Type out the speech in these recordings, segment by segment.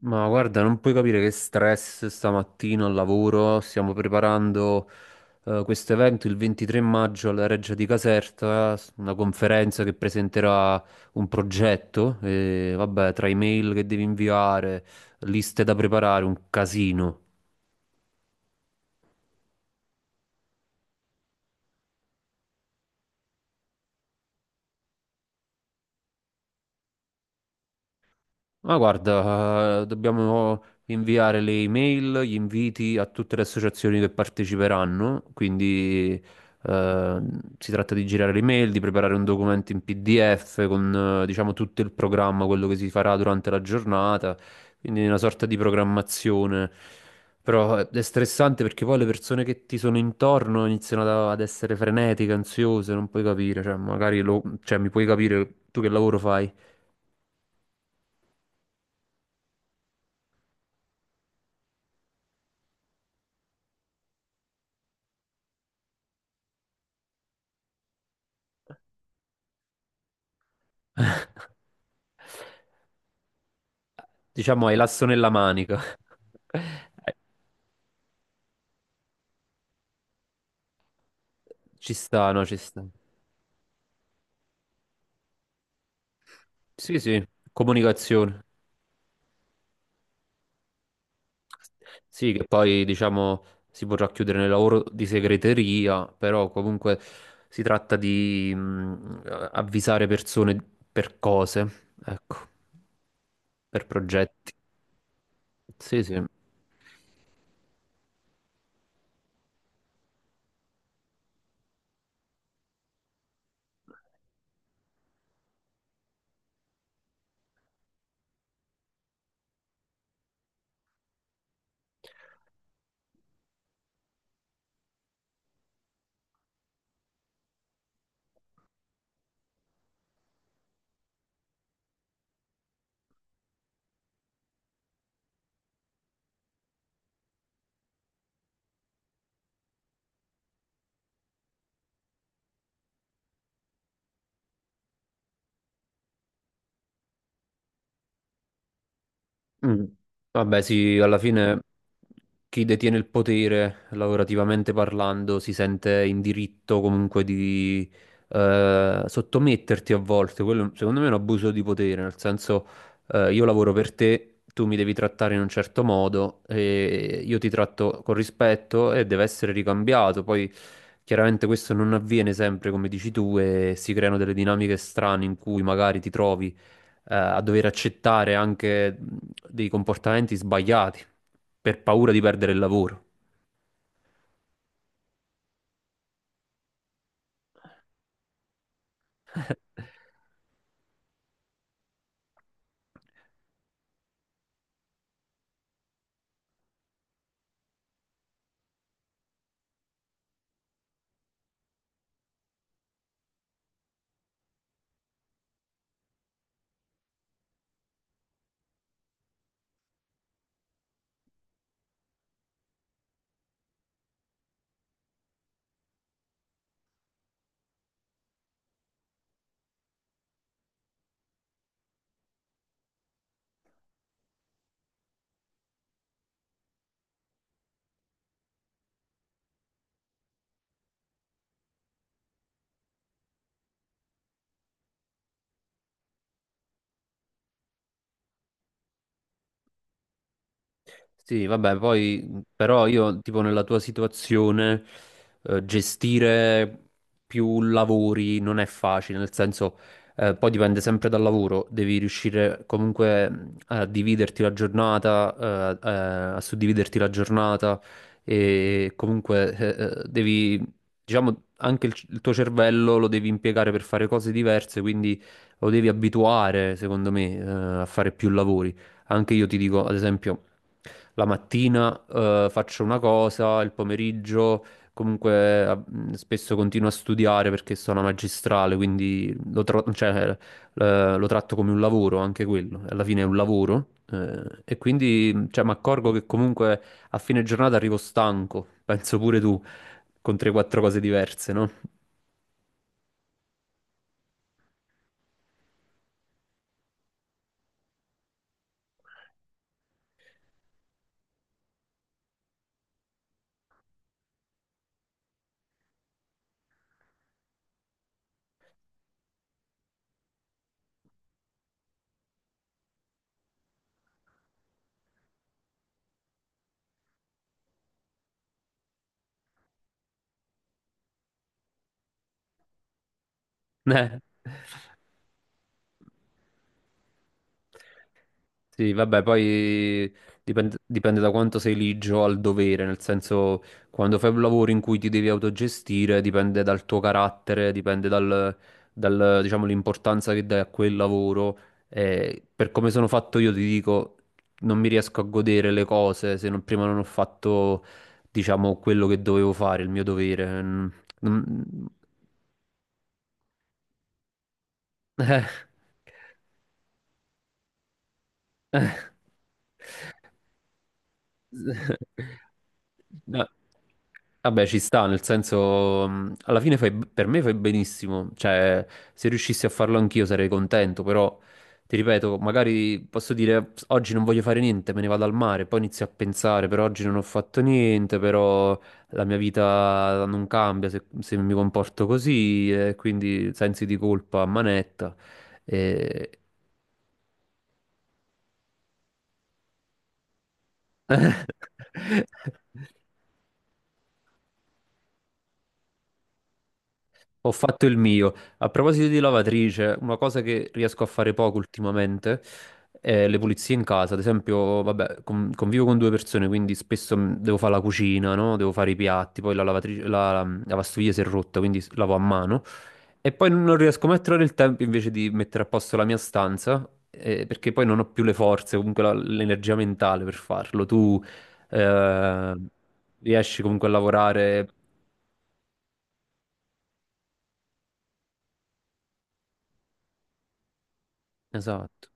Ma guarda, non puoi capire che stress stamattina al lavoro. Stiamo preparando questo evento il 23 maggio alla Reggia di Caserta, una conferenza che presenterà un progetto. E, vabbè, tra email che devi inviare, liste da preparare, un casino. Ma guarda, dobbiamo inviare le email, gli inviti a tutte le associazioni che parteciperanno, quindi eh, si tratta di girare le email, di preparare un documento in PDF con diciamo tutto il programma, quello che si farà durante la giornata, quindi una sorta di programmazione. Però è stressante perché poi le persone che ti sono intorno iniziano ad essere frenetiche, ansiose, non puoi capire, cioè magari cioè, mi puoi capire tu che lavoro fai. Diciamo hai l'asso nella manica. Ci sta, no, ci sta. Sì, sì, comunicazione. Sì, che poi diciamo si potrà chiudere nel lavoro di segreteria, però comunque si tratta di avvisare persone per cose, ecco, per progetti. Sì, sì. Mm. Vabbè, sì, alla fine chi detiene il potere, lavorativamente parlando, si sente in diritto comunque di sottometterti a volte. Quello, secondo me, è un abuso di potere, nel senso, io lavoro per te, tu mi devi trattare in un certo modo e io ti tratto con rispetto e deve essere ricambiato. Poi, chiaramente, questo non avviene sempre, come dici tu, e si creano delle dinamiche strane in cui magari ti trovi a dover accettare anche dei comportamenti sbagliati per paura di perdere il lavoro. Sì, vabbè, poi però io tipo nella tua situazione gestire più lavori non è facile, nel senso poi dipende sempre dal lavoro, devi riuscire comunque a dividerti la giornata, eh, eh, a suddividerti la giornata e comunque devi, diciamo, anche il tuo cervello lo devi impiegare per fare cose diverse, quindi lo devi abituare, secondo me, a fare più lavori. Anche io ti dico, ad esempio la mattina faccio una cosa, il pomeriggio comunque spesso continuo a studiare perché sono una magistrale, quindi cioè, lo tratto come un lavoro, anche quello, alla fine è un lavoro. E quindi cioè, mi accorgo che comunque a fine giornata arrivo stanco, penso pure tu, con 3-4 cose diverse, no? Eh, sì, vabbè, poi dipende, dipende da quanto sei ligio al dovere, nel senso quando fai un lavoro in cui ti devi autogestire, dipende dal tuo carattere, dipende dal, diciamo, l'importanza che dai a quel lavoro. E per come sono fatto io ti dico, non mi riesco a godere le cose se non- prima non ho fatto, diciamo, quello che dovevo fare, il mio dovere. Mm, eh. No, vabbè, ci sta, nel senso, alla fine per me fai benissimo, cioè, se riuscissi a farlo anch'io sarei contento, però, ti ripeto, magari posso dire, oggi non voglio fare niente, me ne vado al mare, poi inizio a pensare, però oggi non ho fatto niente, però la mia vita non cambia se, se mi comporto così, e quindi sensi di colpa a manetta, e... Ho fatto il mio. A proposito di lavatrice, una cosa che riesco a fare poco ultimamente è le pulizie in casa. Ad esempio, vabbè, convivo con due persone, quindi spesso devo fare la cucina, no? Devo fare i piatti, poi la lavatrice, la lavastoviglie si è rotta, quindi lavo a mano. E poi non riesco mai a trovare il tempo invece di mettere a posto la mia stanza, perché poi non ho più le forze, comunque l'energia mentale per farlo. Tu eh, riesci comunque a lavorare. Esatto.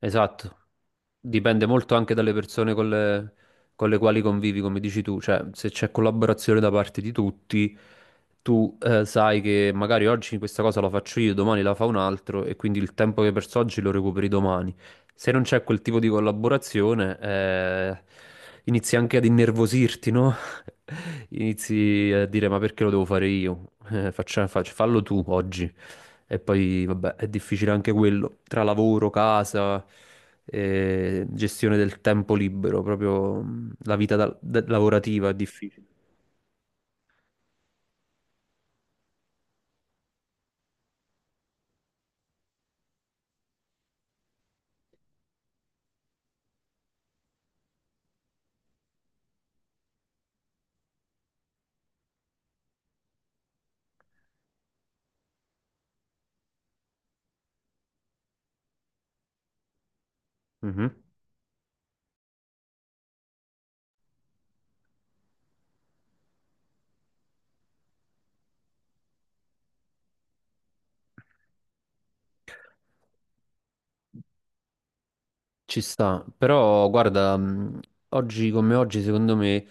Esatto, dipende molto anche dalle persone con le quali convivi, come dici tu, cioè se c'è collaborazione da parte di tutti, tu sai che magari oggi questa cosa la faccio io, domani la fa un altro e quindi il tempo che perso oggi lo recuperi domani. Se non c'è quel tipo di collaborazione, inizi anche ad innervosirti, no? Inizi a dire ma perché lo devo fare io? Fallo tu oggi. E poi, vabbè, è difficile anche quello. Tra lavoro, casa, gestione del tempo libero, proprio la vita lavorativa è difficile. Mhm. Ci sta. Però, guarda, oggi come oggi, secondo me.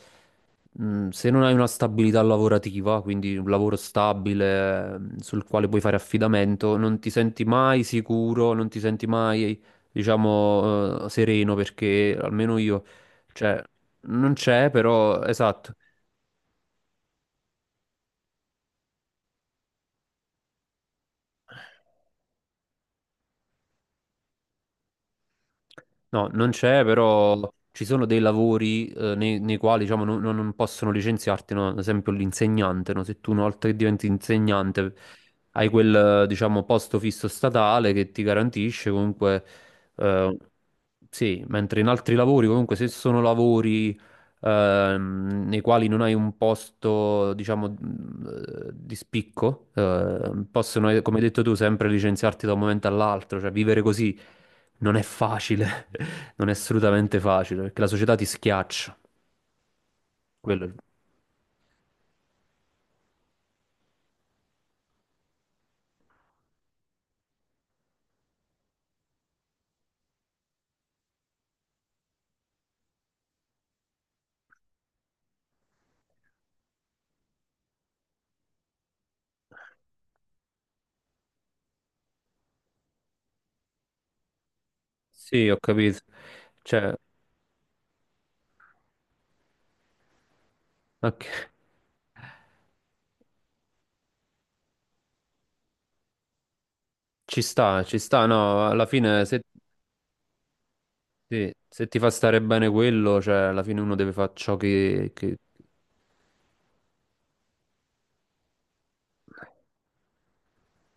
Se non hai una stabilità lavorativa, quindi un lavoro stabile sul quale puoi fare affidamento, non ti senti mai sicuro, non ti senti mai, diciamo, sereno perché almeno io, cioè, non c'è, però, esatto. No, non c'è, però ci sono dei lavori nei, nei quali diciamo, non possono licenziarti, no? Ad esempio l'insegnante, no? Se tu una volta che diventi insegnante hai quel diciamo, posto fisso statale che ti garantisce comunque, eh, sì, mentre in altri lavori comunque se sono lavori nei quali non hai un posto, diciamo, di spicco, possono, come hai detto tu, sempre licenziarti da un momento all'altro, cioè vivere così non è facile, non è assolutamente facile, perché la società ti schiaccia. Quello- Sì, ho capito. Cioè, ok, ci sta, ci sta, no, alla fine se, sì, se ti fa stare bene quello, cioè alla fine uno deve fare ciò che...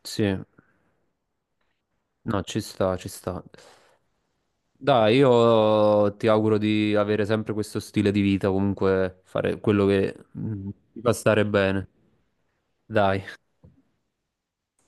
Sì, no, ci sta, ci sta. Dai, io ti auguro di avere sempre questo stile di vita, comunque fare quello che ti fa stare bene. Dai.